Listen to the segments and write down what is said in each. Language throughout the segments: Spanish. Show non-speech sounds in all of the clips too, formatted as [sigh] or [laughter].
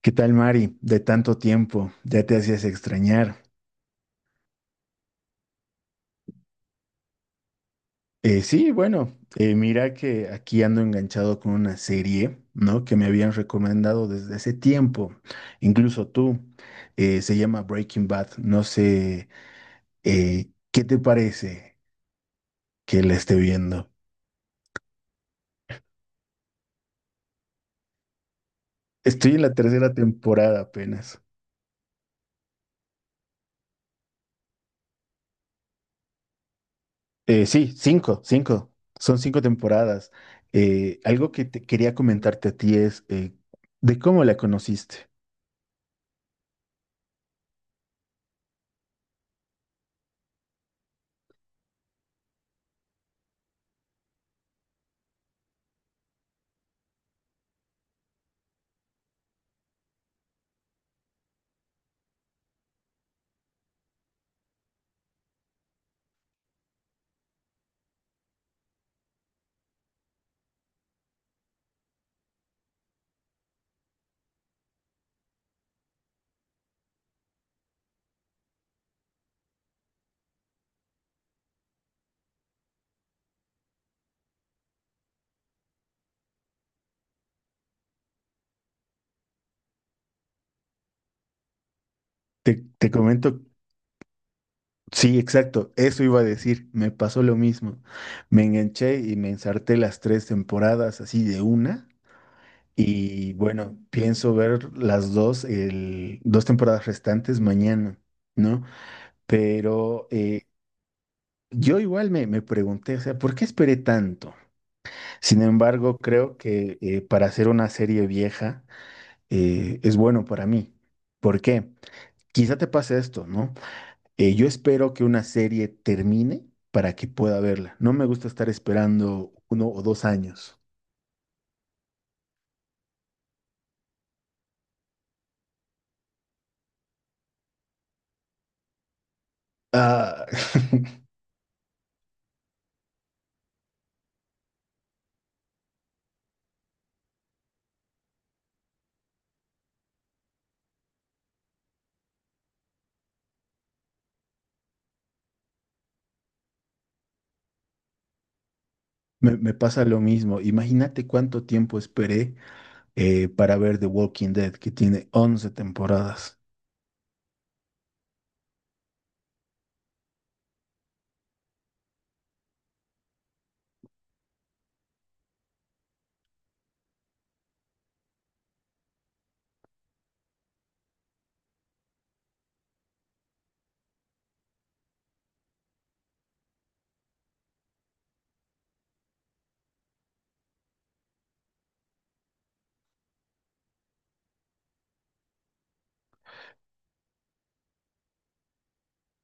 ¿Qué tal, Mari? De tanto tiempo, ya te hacías extrañar. Sí, bueno, mira que aquí ando enganchado con una serie, ¿no? Que me habían recomendado desde hace tiempo, incluso tú. Se llama Breaking Bad. No sé, ¿qué te parece que la esté viendo? Estoy en la tercera temporada apenas. Sí, cinco, cinco. Son cinco temporadas. Algo que te quería comentarte a ti es de cómo la conociste. Te comento, sí, exacto, eso iba a decir, me pasó lo mismo. Me enganché y me ensarté las tres temporadas así de una. Y bueno, pienso ver las dos, dos temporadas restantes mañana, ¿no? Pero yo igual me pregunté, o sea, ¿por qué esperé tanto? Sin embargo, creo que para hacer una serie vieja es bueno para mí. ¿Por qué? Quizá te pase esto, ¿no? Yo espero que una serie termine para que pueda verla. No me gusta estar esperando uno o dos años. Ah, [laughs] me pasa lo mismo. Imagínate cuánto tiempo esperé para ver The Walking Dead, que tiene 11 temporadas.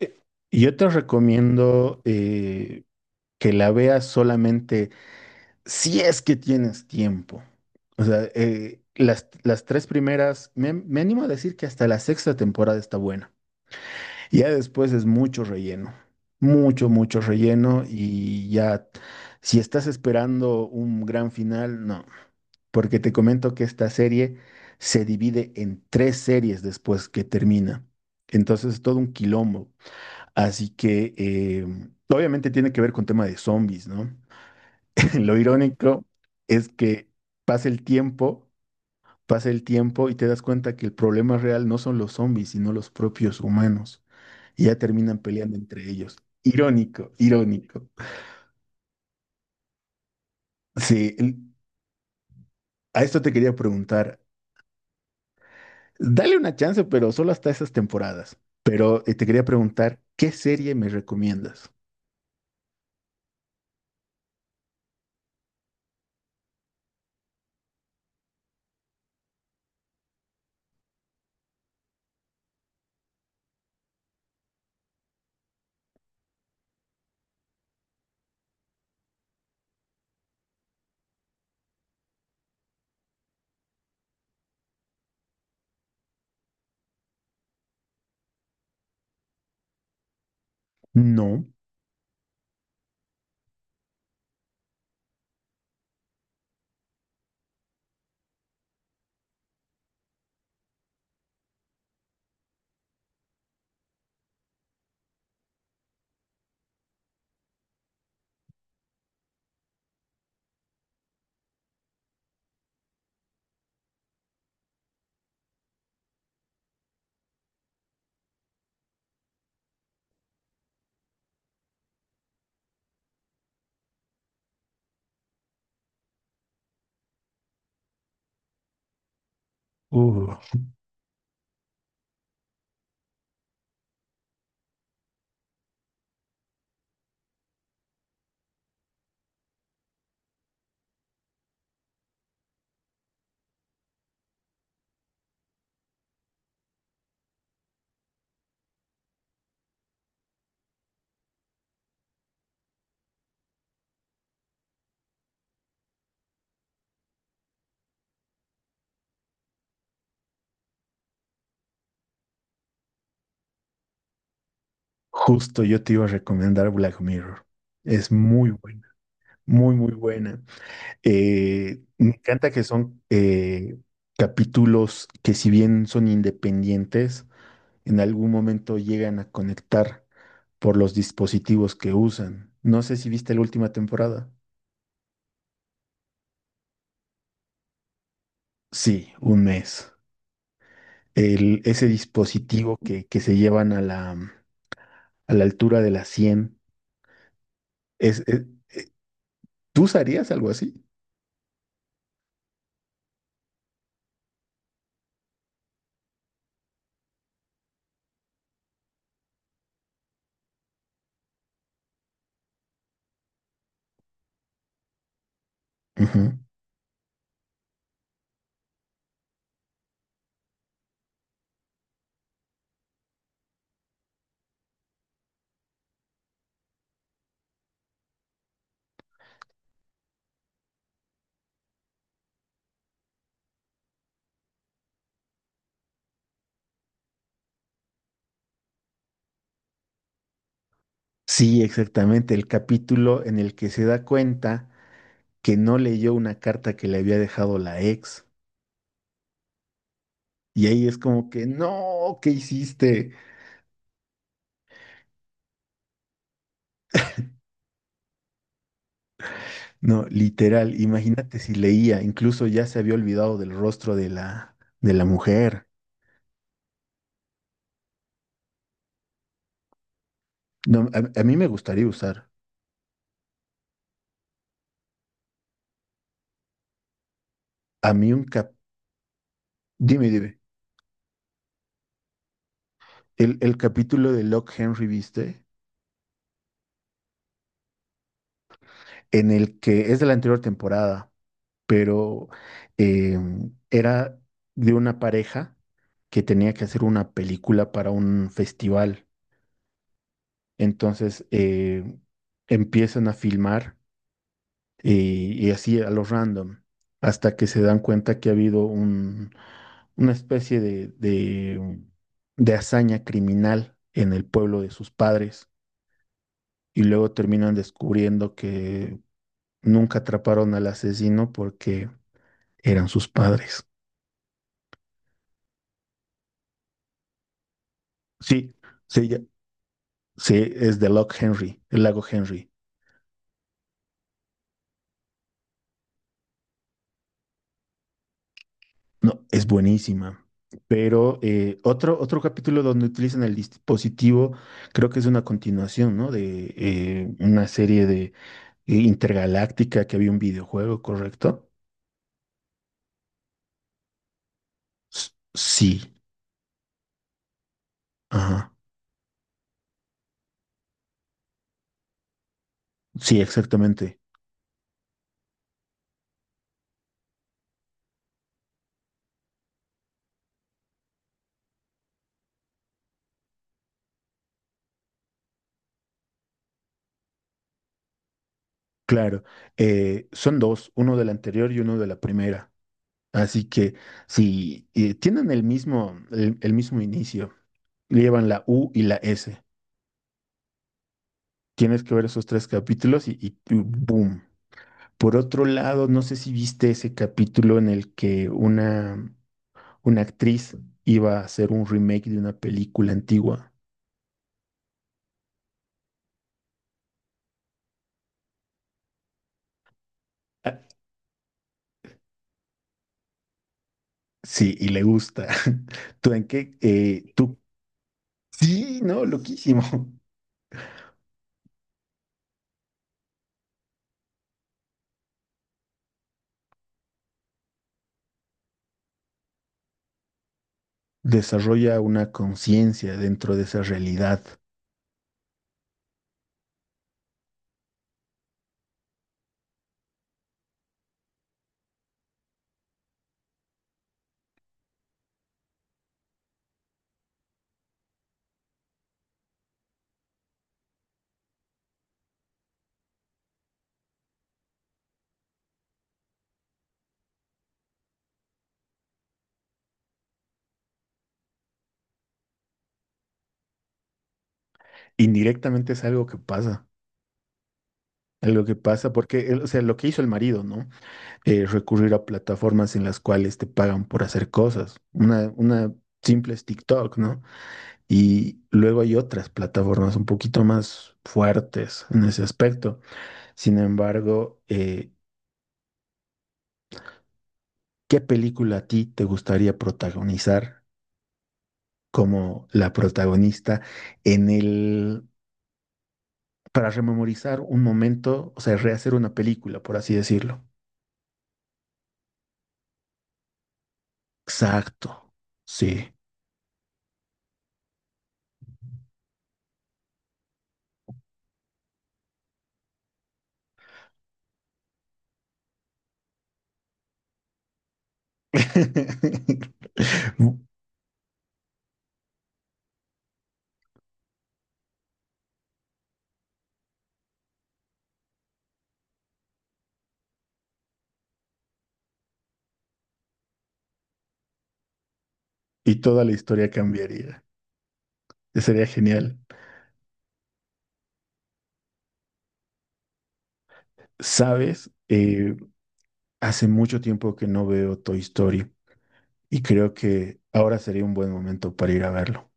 Eh, Yo te recomiendo que la veas solamente si es que tienes tiempo. O sea, las tres primeras, me animo a decir que hasta la sexta temporada está buena. Y ya después es mucho relleno, mucho, mucho relleno y ya, si estás esperando un gran final, no, porque te comento que esta serie se divide en tres series después que termina. Entonces es todo un quilombo. Así que obviamente tiene que ver con tema de zombies, ¿no? [laughs] Lo irónico es que pasa el tiempo, pasa el tiempo y te das cuenta que el problema real no son los zombies, sino los propios humanos y ya terminan peleando entre ellos. Irónico, irónico. Sí, l- a esto te quería preguntar. Dale una chance, pero solo hasta esas temporadas. Pero te quería preguntar, ¿qué serie me recomiendas? No. Uh, justo yo te iba a recomendar Black Mirror. Es muy buena, muy, muy buena. Me encanta que son capítulos que si bien son independientes, en algún momento llegan a conectar por los dispositivos que usan. No sé si viste la última temporada. Sí, un mes. Ese dispositivo que se llevan a la altura de la 100. Es, es- eh, ¿Tú usarías algo así? Ujú. Sí, exactamente. El capítulo en el que se da cuenta que no leyó una carta que le había dejado la ex. Y ahí es como que, no, ¿qué hiciste? No, literal, imagínate si leía, incluso ya se había olvidado del rostro de la mujer. No, a mí me gustaría usar, a mí un cap... Dime, dime, el capítulo de Lock Henry, ¿viste? En el que es de la anterior temporada, pero eh, era de una pareja que tenía que hacer una película para un festival. Entonces empiezan a filmar y así a lo random, hasta que se dan cuenta que ha habido un, una especie de hazaña criminal en el pueblo de sus padres, y luego terminan descubriendo que nunca atraparon al asesino porque eran sus padres. Sí, sí, ya- sí, es de Lock Henry, el lago Henry. No, es buenísima. Pero otro, otro capítulo donde utilizan el dispositivo, creo que es una continuación, ¿no? De una serie de intergaláctica que había un videojuego, ¿correcto? Sí, ajá. Sí, exactamente. Claro. Son dos, uno de la anterior y uno de la primera. Así que si tienen el mismo, el mismo inicio, llevan la U y la S. Tienes que ver esos tres capítulos y ¡boom! Por otro lado, no sé si viste ese capítulo en el que una actriz iba a hacer un remake de una película antigua. Ah, sí, y le gusta. [laughs] ¿Tú en qué? Tú. Sí, no, loquísimo. [laughs] Desarrolla una conciencia dentro de esa realidad. Indirectamente es algo que pasa. Algo que pasa porque, o sea, lo que hizo el marido, ¿no? Recurrir a plataformas en las cuales te pagan por hacer cosas. Una simple es TikTok, ¿no? Y luego hay otras plataformas un poquito más fuertes en ese aspecto. Sin embargo, ¿qué película a ti te gustaría protagonizar como la protagonista en para rememorizar un momento, o sea, rehacer una película, por así decirlo? Exacto, sí. [laughs] Y toda la historia cambiaría. Sería genial. ¿Sabes? Hace mucho tiempo que no veo Toy Story. Y creo que ahora sería un buen momento para ir a verlo.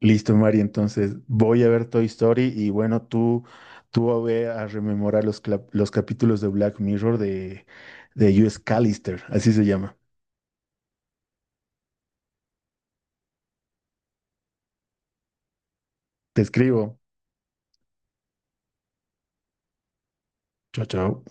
Listo, Mari, entonces voy a ver Toy Story y bueno, tú ve a rememorar los, los capítulos de Black Mirror de US Callister, así se llama. Te escribo. Chao, chao.